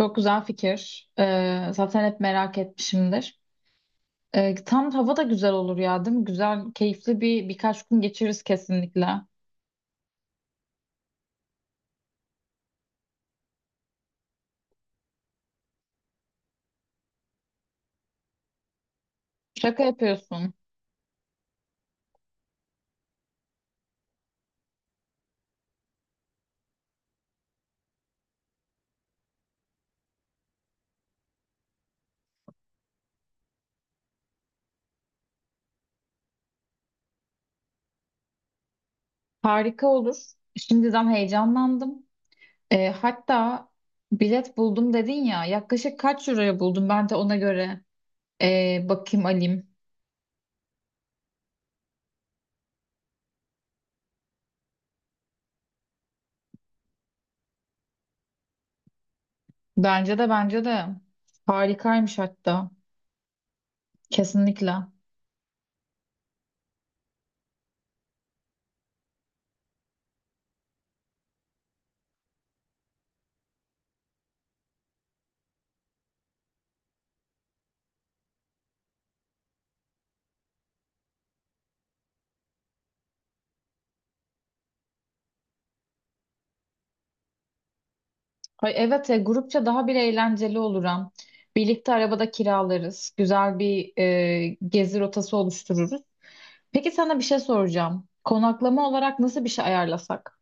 Çok güzel fikir. Zaten hep merak etmişimdir. Tam hava da güzel olur ya, değil mi? Güzel, keyifli bir birkaç gün geçiririz kesinlikle. Şaka yapıyorsun. Harika olur. Şimdiden heyecanlandım. Hatta bilet buldum dedin ya. Yaklaşık kaç euroya buldun? Ben de ona göre bakayım alayım. Bence de, bence de. Harikaymış hatta. Kesinlikle. Ay evet, grupça daha bir eğlenceli olur hem. Birlikte arabada kiralarız. Güzel bir gezi rotası oluştururuz. Peki sana bir şey soracağım. Konaklama olarak nasıl bir şey ayarlasak?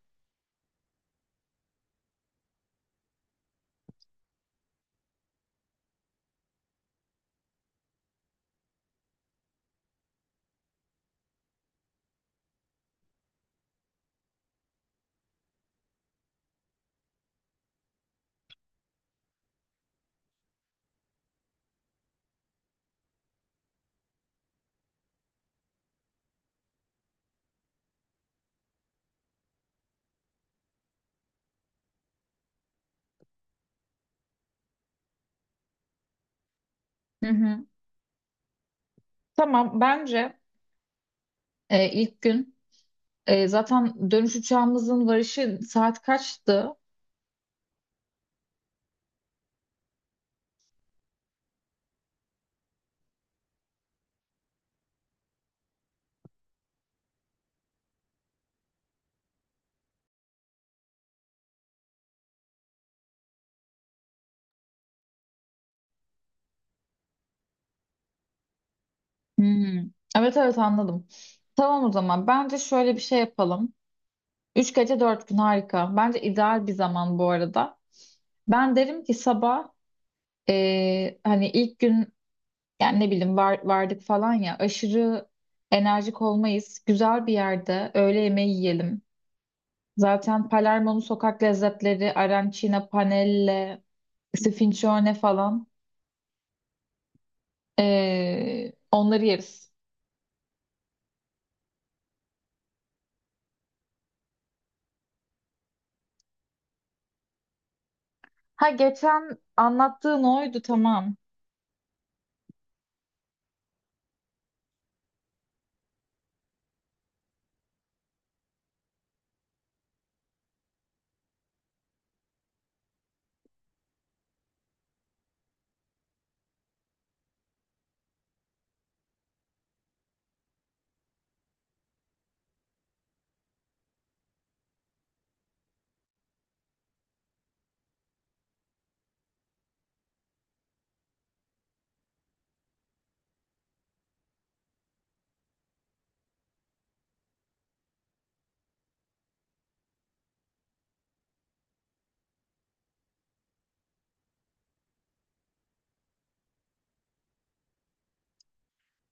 Hı hı. Tamam, bence ilk gün, zaten dönüş uçağımızın varışı saat kaçtı? Hmm. Evet, evet anladım. Tamam, o zaman bence şöyle bir şey yapalım. Üç gece dört gün, harika. Bence ideal bir zaman bu arada. Ben derim ki sabah, hani ilk gün yani ne bileyim var, vardık falan ya, aşırı enerjik olmayız. Güzel bir yerde öğle yemeği yiyelim. Zaten Palermo'nun sokak lezzetleri arancina, panelle, sfincione falan, onları yeriz. Ha, geçen anlattığın oydu, tamam.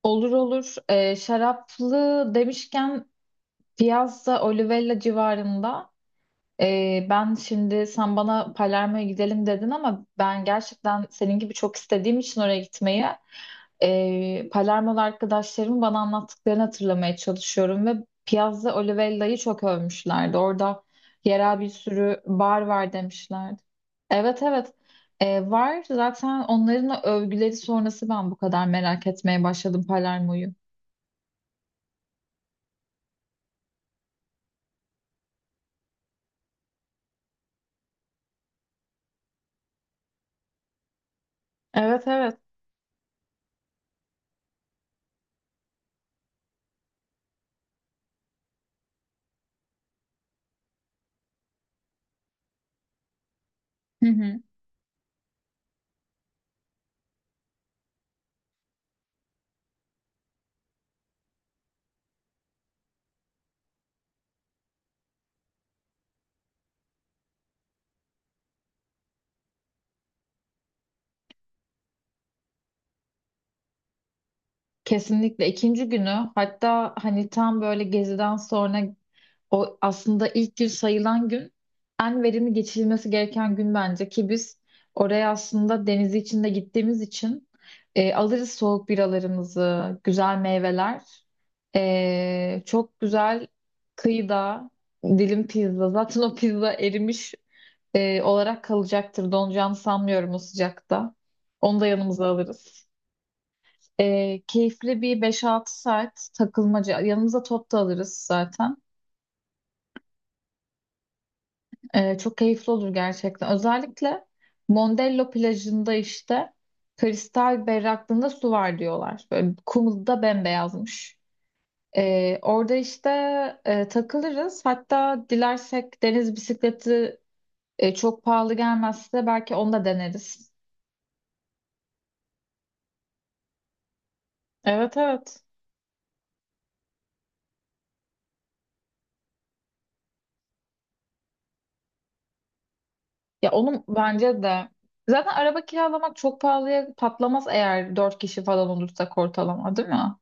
Olur olur. Şaraplı demişken Piazza Olivella civarında, ben şimdi sen bana Palermo'ya gidelim dedin ama ben gerçekten senin gibi çok istediğim için oraya gitmeyi, Palermo'lu arkadaşlarımın bana anlattıklarını hatırlamaya çalışıyorum ve Piazza Olivella'yı çok övmüşlerdi. Orada yerel bir sürü bar var demişlerdi. Evet, evet. E, var zaten, onların övgüleri sonrası ben bu kadar merak etmeye başladım Palermo'yu. Evet, evet. Hı hı. Kesinlikle ikinci günü, hatta hani tam böyle geziden sonra. O aslında ilk gün sayılan gün, en verimli geçirilmesi gereken gün bence, ki biz oraya aslında denizi içinde gittiğimiz için alırız soğuk biralarımızı, güzel meyveler. E, çok güzel kıyıda dilim pizza. Zaten o pizza erimiş olarak kalacaktır. Donacağını sanmıyorum o sıcakta. Onu da yanımıza alırız. E, keyifli bir 5-6 saat takılmaca. Yanımıza top da alırız zaten. Çok keyifli olur gerçekten. Özellikle Mondello plajında işte kristal berraklığında su var diyorlar. Böyle kumu da bembeyazmış. Orada işte takılırız. Hatta dilersek deniz bisikleti, çok pahalı gelmezse belki onu da deneriz. Evet, evet. Ya onun bence de, zaten araba kiralamak çok pahalıya patlamaz eğer 4 kişi falan olursak ortalama, değil mi?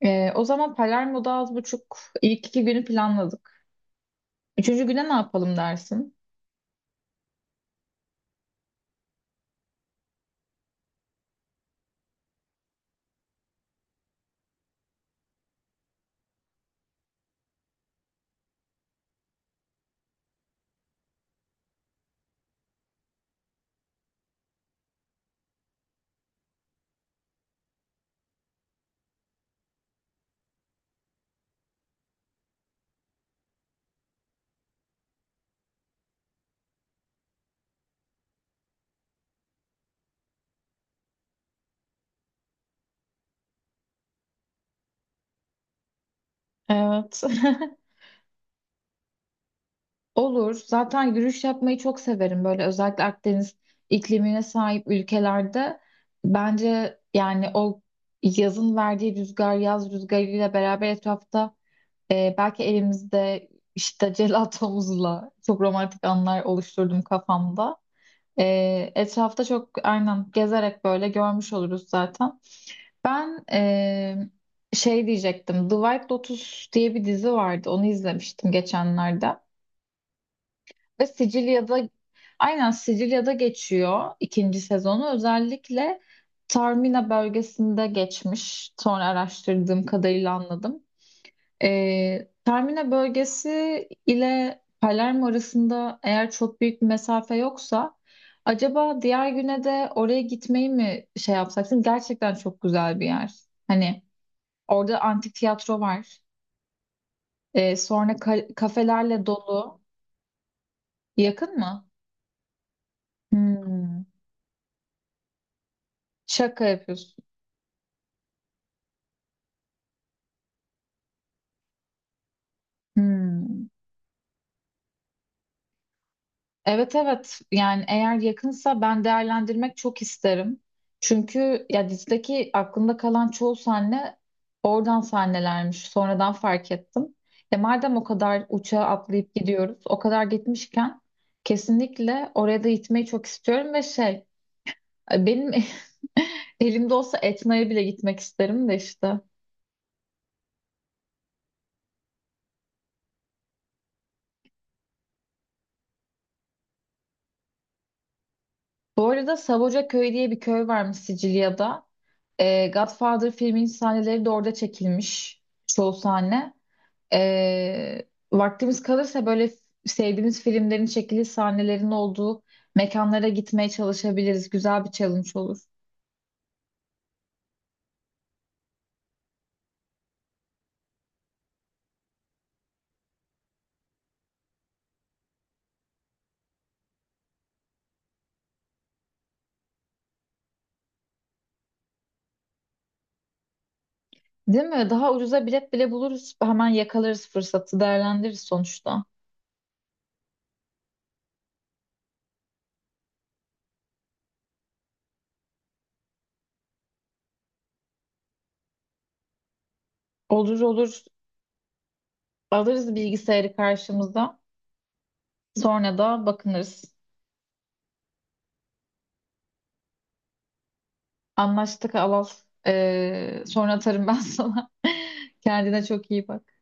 O zaman Palermo'da az buçuk ilk iki günü planladık. Üçüncü güne ne yapalım dersin? Evet. Olur. Zaten yürüyüş yapmayı çok severim. Böyle özellikle Akdeniz iklimine sahip ülkelerde bence yani o yazın verdiği rüzgar, yaz rüzgarıyla beraber etrafta, belki elimizde işte celatomuzla çok romantik anlar oluşturdum kafamda. E, etrafta çok aynen gezerek böyle görmüş oluruz zaten. Ben şey diyecektim. The White Lotus diye bir dizi vardı. Onu izlemiştim geçenlerde. Ve Sicilya'da, aynen Sicilya'da geçiyor ikinci sezonu. Özellikle Taormina bölgesinde geçmiş. Sonra araştırdığım kadarıyla anladım. Taormina bölgesi ile Palermo arasında eğer çok büyük bir mesafe yoksa, acaba diğer güne de oraya gitmeyi mi şey yapsak? Çünkü gerçekten çok güzel bir yer. Hani orada antik tiyatro var. Sonra kafelerle dolu. Yakın mı? Hmm. Şaka yapıyorsun. Hmm. Evet, evet. Yani eğer yakınsa ben değerlendirmek çok isterim. Çünkü ya dizideki aklımda kalan çoğu sahne oradan sahnelermiş. Sonradan fark ettim. E madem o kadar uçağa atlayıp gidiyoruz, o kadar gitmişken kesinlikle oraya da gitmeyi çok istiyorum ve şey, benim elimde olsa Etna'ya bile gitmek isterim de işte. Bu arada Saboca Köyü diye bir köy varmış Sicilya'da. Godfather filminin sahneleri de orada çekilmiş. Çoğu sahne. Ee, Vaktimiz kalırsa böyle sevdiğimiz filmlerin çekili sahnelerin olduğu mekanlara gitmeye çalışabiliriz. Güzel bir challenge olur. Değil mi? Daha ucuza bilet bile buluruz. Hemen yakalarız fırsatı, değerlendiririz sonuçta. Olur olur. Alırız bilgisayarı karşımıza. Sonra da bakınırız. Anlaştık Alal. Sonra atarım ben sana. Kendine çok iyi bak.